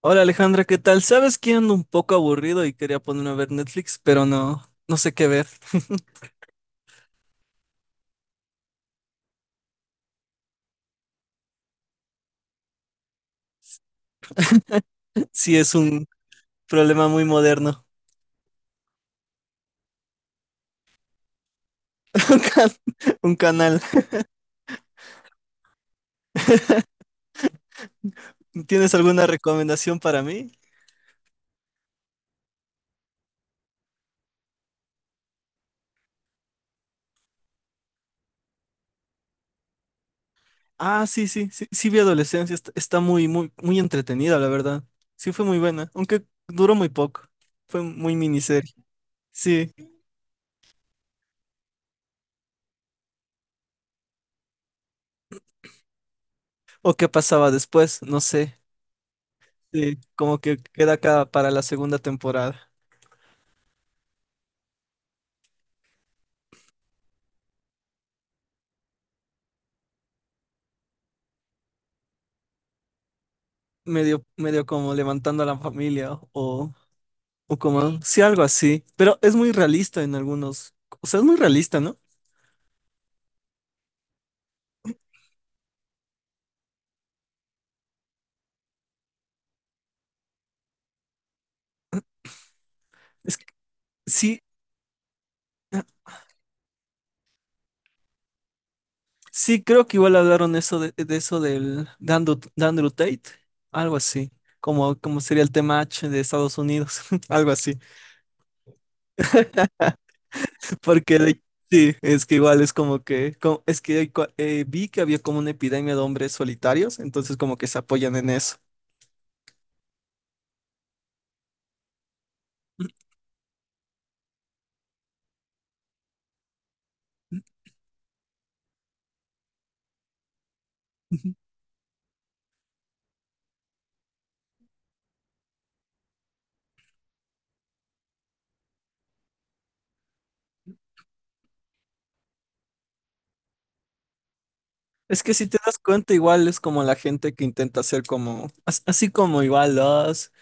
Hola Alejandra, ¿qué tal? Sabes que ando un poco aburrido y quería ponerme a ver Netflix, pero no sé qué ver. Sí, es un problema muy moderno. Un can- un canal. ¿Tienes alguna recomendación para mí? Ah, sí, sí, sí, sí vi Adolescencia, está muy, muy, muy entretenida, la verdad. Sí fue muy buena, aunque duró muy poco. Fue muy miniserie. Sí. ¿O qué pasaba después? No sé. Sí, como que queda acá para la segunda temporada. Medio, medio como levantando a la familia o como sí, algo así, pero es muy realista en algunos, o sea, es muy realista, ¿no? Es que sí, sí, creo que igual hablaron eso de eso del de Andrew Tate, algo así, como, como sería el tema H de Estados Unidos, algo así, porque de- sí, es que igual es como que, es que hay vi que había como una epidemia de hombres solitarios, entonces como que se apoyan en eso. Ujú. Es que si te das cuenta, igual es como la gente que intenta hacer como, así como igual los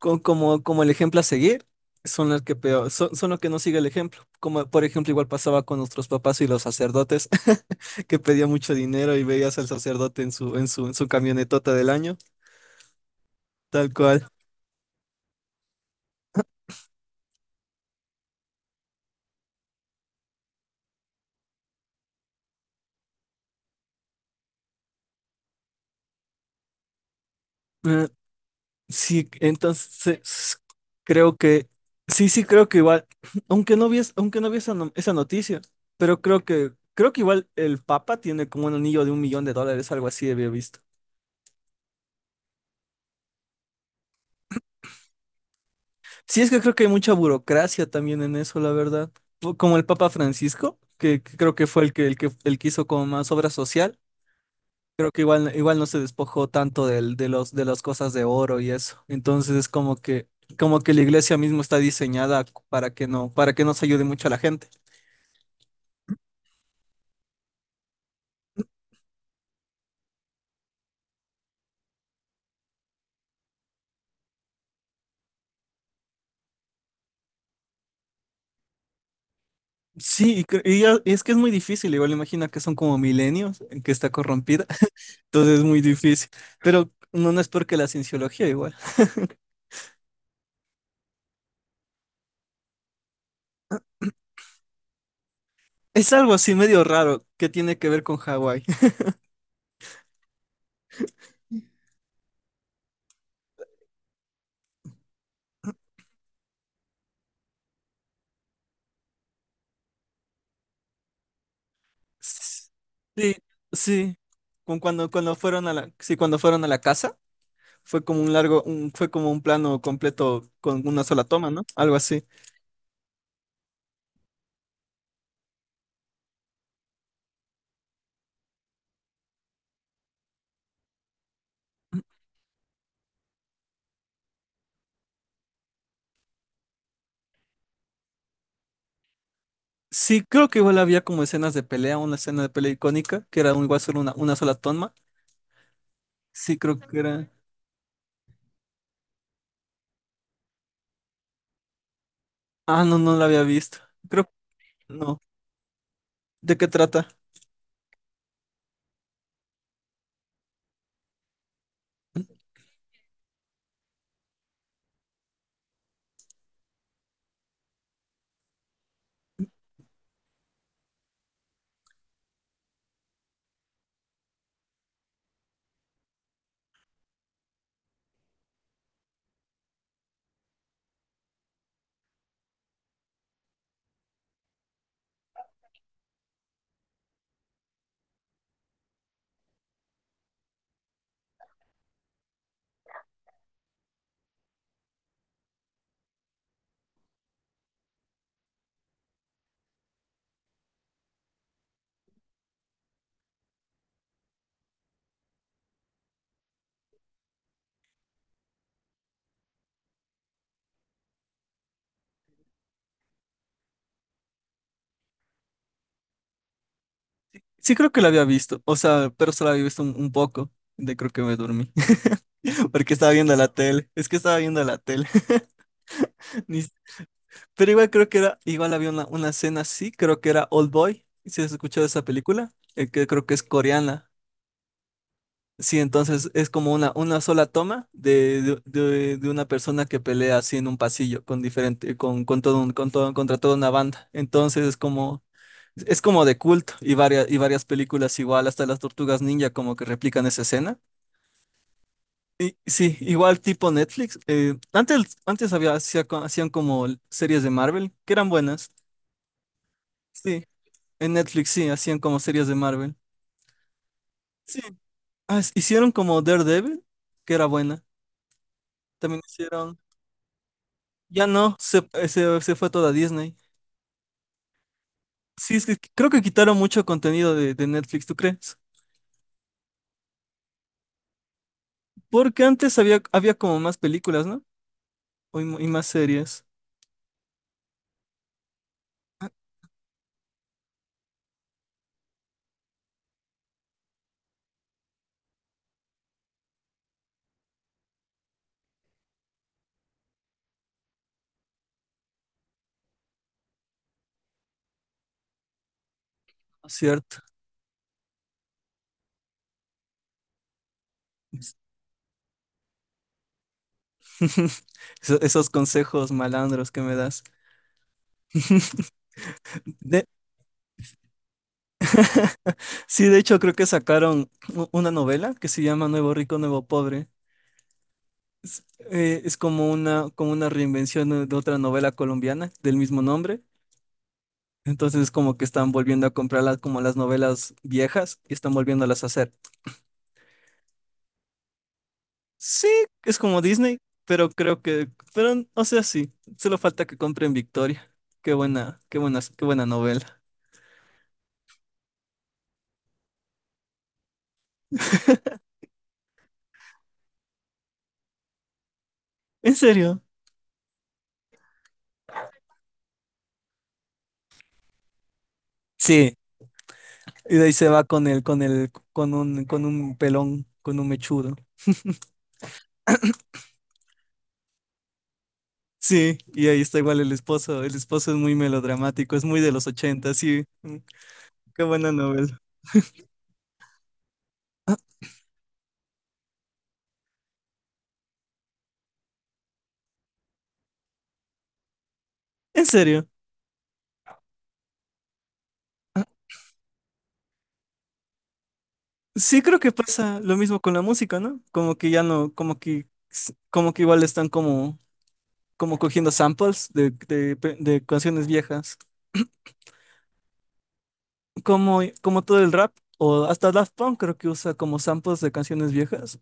como, como el ejemplo a seguir, son los que peor, son los que no siguen el ejemplo. Como por ejemplo, igual pasaba con nuestros papás y los sacerdotes, que pedían mucho dinero y veías al sacerdote en su, en su camionetota del año, tal cual. Eh, sí, entonces creo que, sí, sí, creo que igual, aunque no vi, aunque no vi esa, esa noticia, pero creo que igual el Papa tiene como un anillo de $1 millón, algo así había visto. Sí, es que creo que hay mucha burocracia también en eso, la verdad. O como el Papa Francisco, que creo que fue el que, el que hizo como más obra social, creo que igual, igual no se despojó tanto del, de las cosas de oro y eso. Entonces es como que la iglesia misma está diseñada para que no se ayude mucho a la gente. Sí, y, y es que es muy difícil, igual imagina que son como milenios en que está corrompida, entonces es muy difícil. Pero no, no es porque la cienciología igual. Es algo así medio raro que tiene que ver con Hawái. Sí, sí. Con cuando, cuando fueron a la, sí, cuando fueron a la casa, fue como un largo, fue como un plano completo con una sola toma, ¿no? Algo así. Sí, creo que igual había como escenas de pelea, una escena de pelea icónica, que era igual solo una sola toma. Sí, creo que era. Ah, no, no la había visto. Creo, no. ¿De qué trata? Sí creo que la había visto, o sea, pero solo había visto un poco, de creo que me dormí, porque estaba viendo la tele, es que estaba viendo la tele. Ni- pero igual creo que era, igual había una escena así, creo que era Old Boy, si has escuchado esa película. Que creo que es coreana, sí, entonces es como una sola toma de una persona que pelea así en un pasillo con diferente, con con todo, contra toda una banda, entonces es como... Es como de culto y varias películas igual, hasta las Tortugas Ninja como que replican esa escena. Y sí, igual tipo Netflix. Antes, antes había, hacían como series de Marvel, que eran buenas. Sí, en Netflix sí, hacían como series de Marvel. Sí, ah, hicieron como Daredevil, que era buena. También hicieron, ya no, se, se, se fue toda Disney. Sí, es que creo que quitaron mucho contenido de Netflix, ¿tú crees? Porque antes había, había como más películas, ¿no? O y más series. Ah, no, cierto. Eso- Esos consejos malandros que me das. De- sí, de hecho, creo que sacaron una novela que se llama Nuevo Rico, Nuevo Pobre. Es, es como una reinvención de otra novela colombiana del mismo nombre. Entonces, como que están volviendo a comprarlas como las novelas viejas y están volviéndolas a hacer. Sí, es como Disney, pero creo que, pero, o sea, sí, solo falta que compren Victoria. Qué buena, qué buena, qué buena novela. ¿En serio? Sí, y de ahí se va con el, con el, con un pelón, con un mechudo. Sí, y ahí está igual el esposo. El esposo es muy melodramático, es muy de los 80, sí. Mm, qué buena novela. En serio, sí creo que pasa lo mismo con la música, ¿no? Como que ya no, como que igual están como, como cogiendo samples de canciones viejas. Como, como todo el rap, o hasta Daft Punk creo que usa como samples de canciones viejas.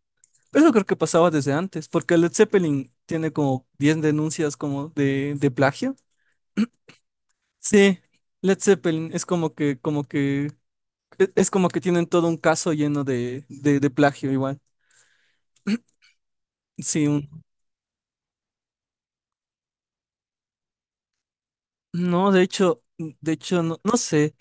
Eso creo que pasaba desde antes, porque Led Zeppelin tiene como 10 denuncias como de plagio. Sí, Led Zeppelin es como que, es como que tienen todo un caso lleno de plagio igual. Sí, no, de hecho, no, no sé,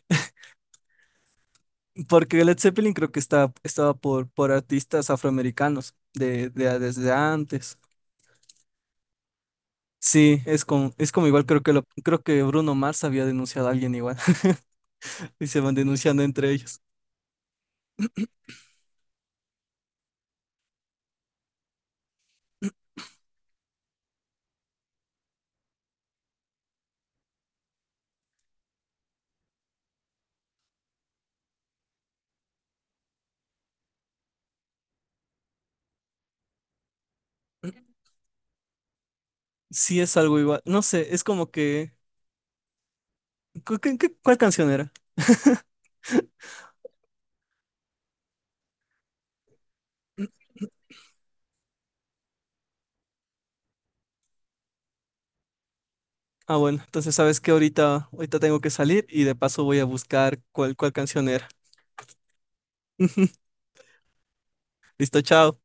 porque Led Zeppelin creo que está, estaba por artistas afroamericanos de, desde antes. Sí, es como igual, creo que lo, creo que Bruno Mars había denunciado a alguien igual, y se van denunciando entre ellos. Sí es algo igual. No sé, es como que... ¿Cuál canción era? Ah, bueno, entonces sabes que ahorita, ahorita tengo que salir y de paso voy a buscar cuál, cuál canción era. Listo, chao.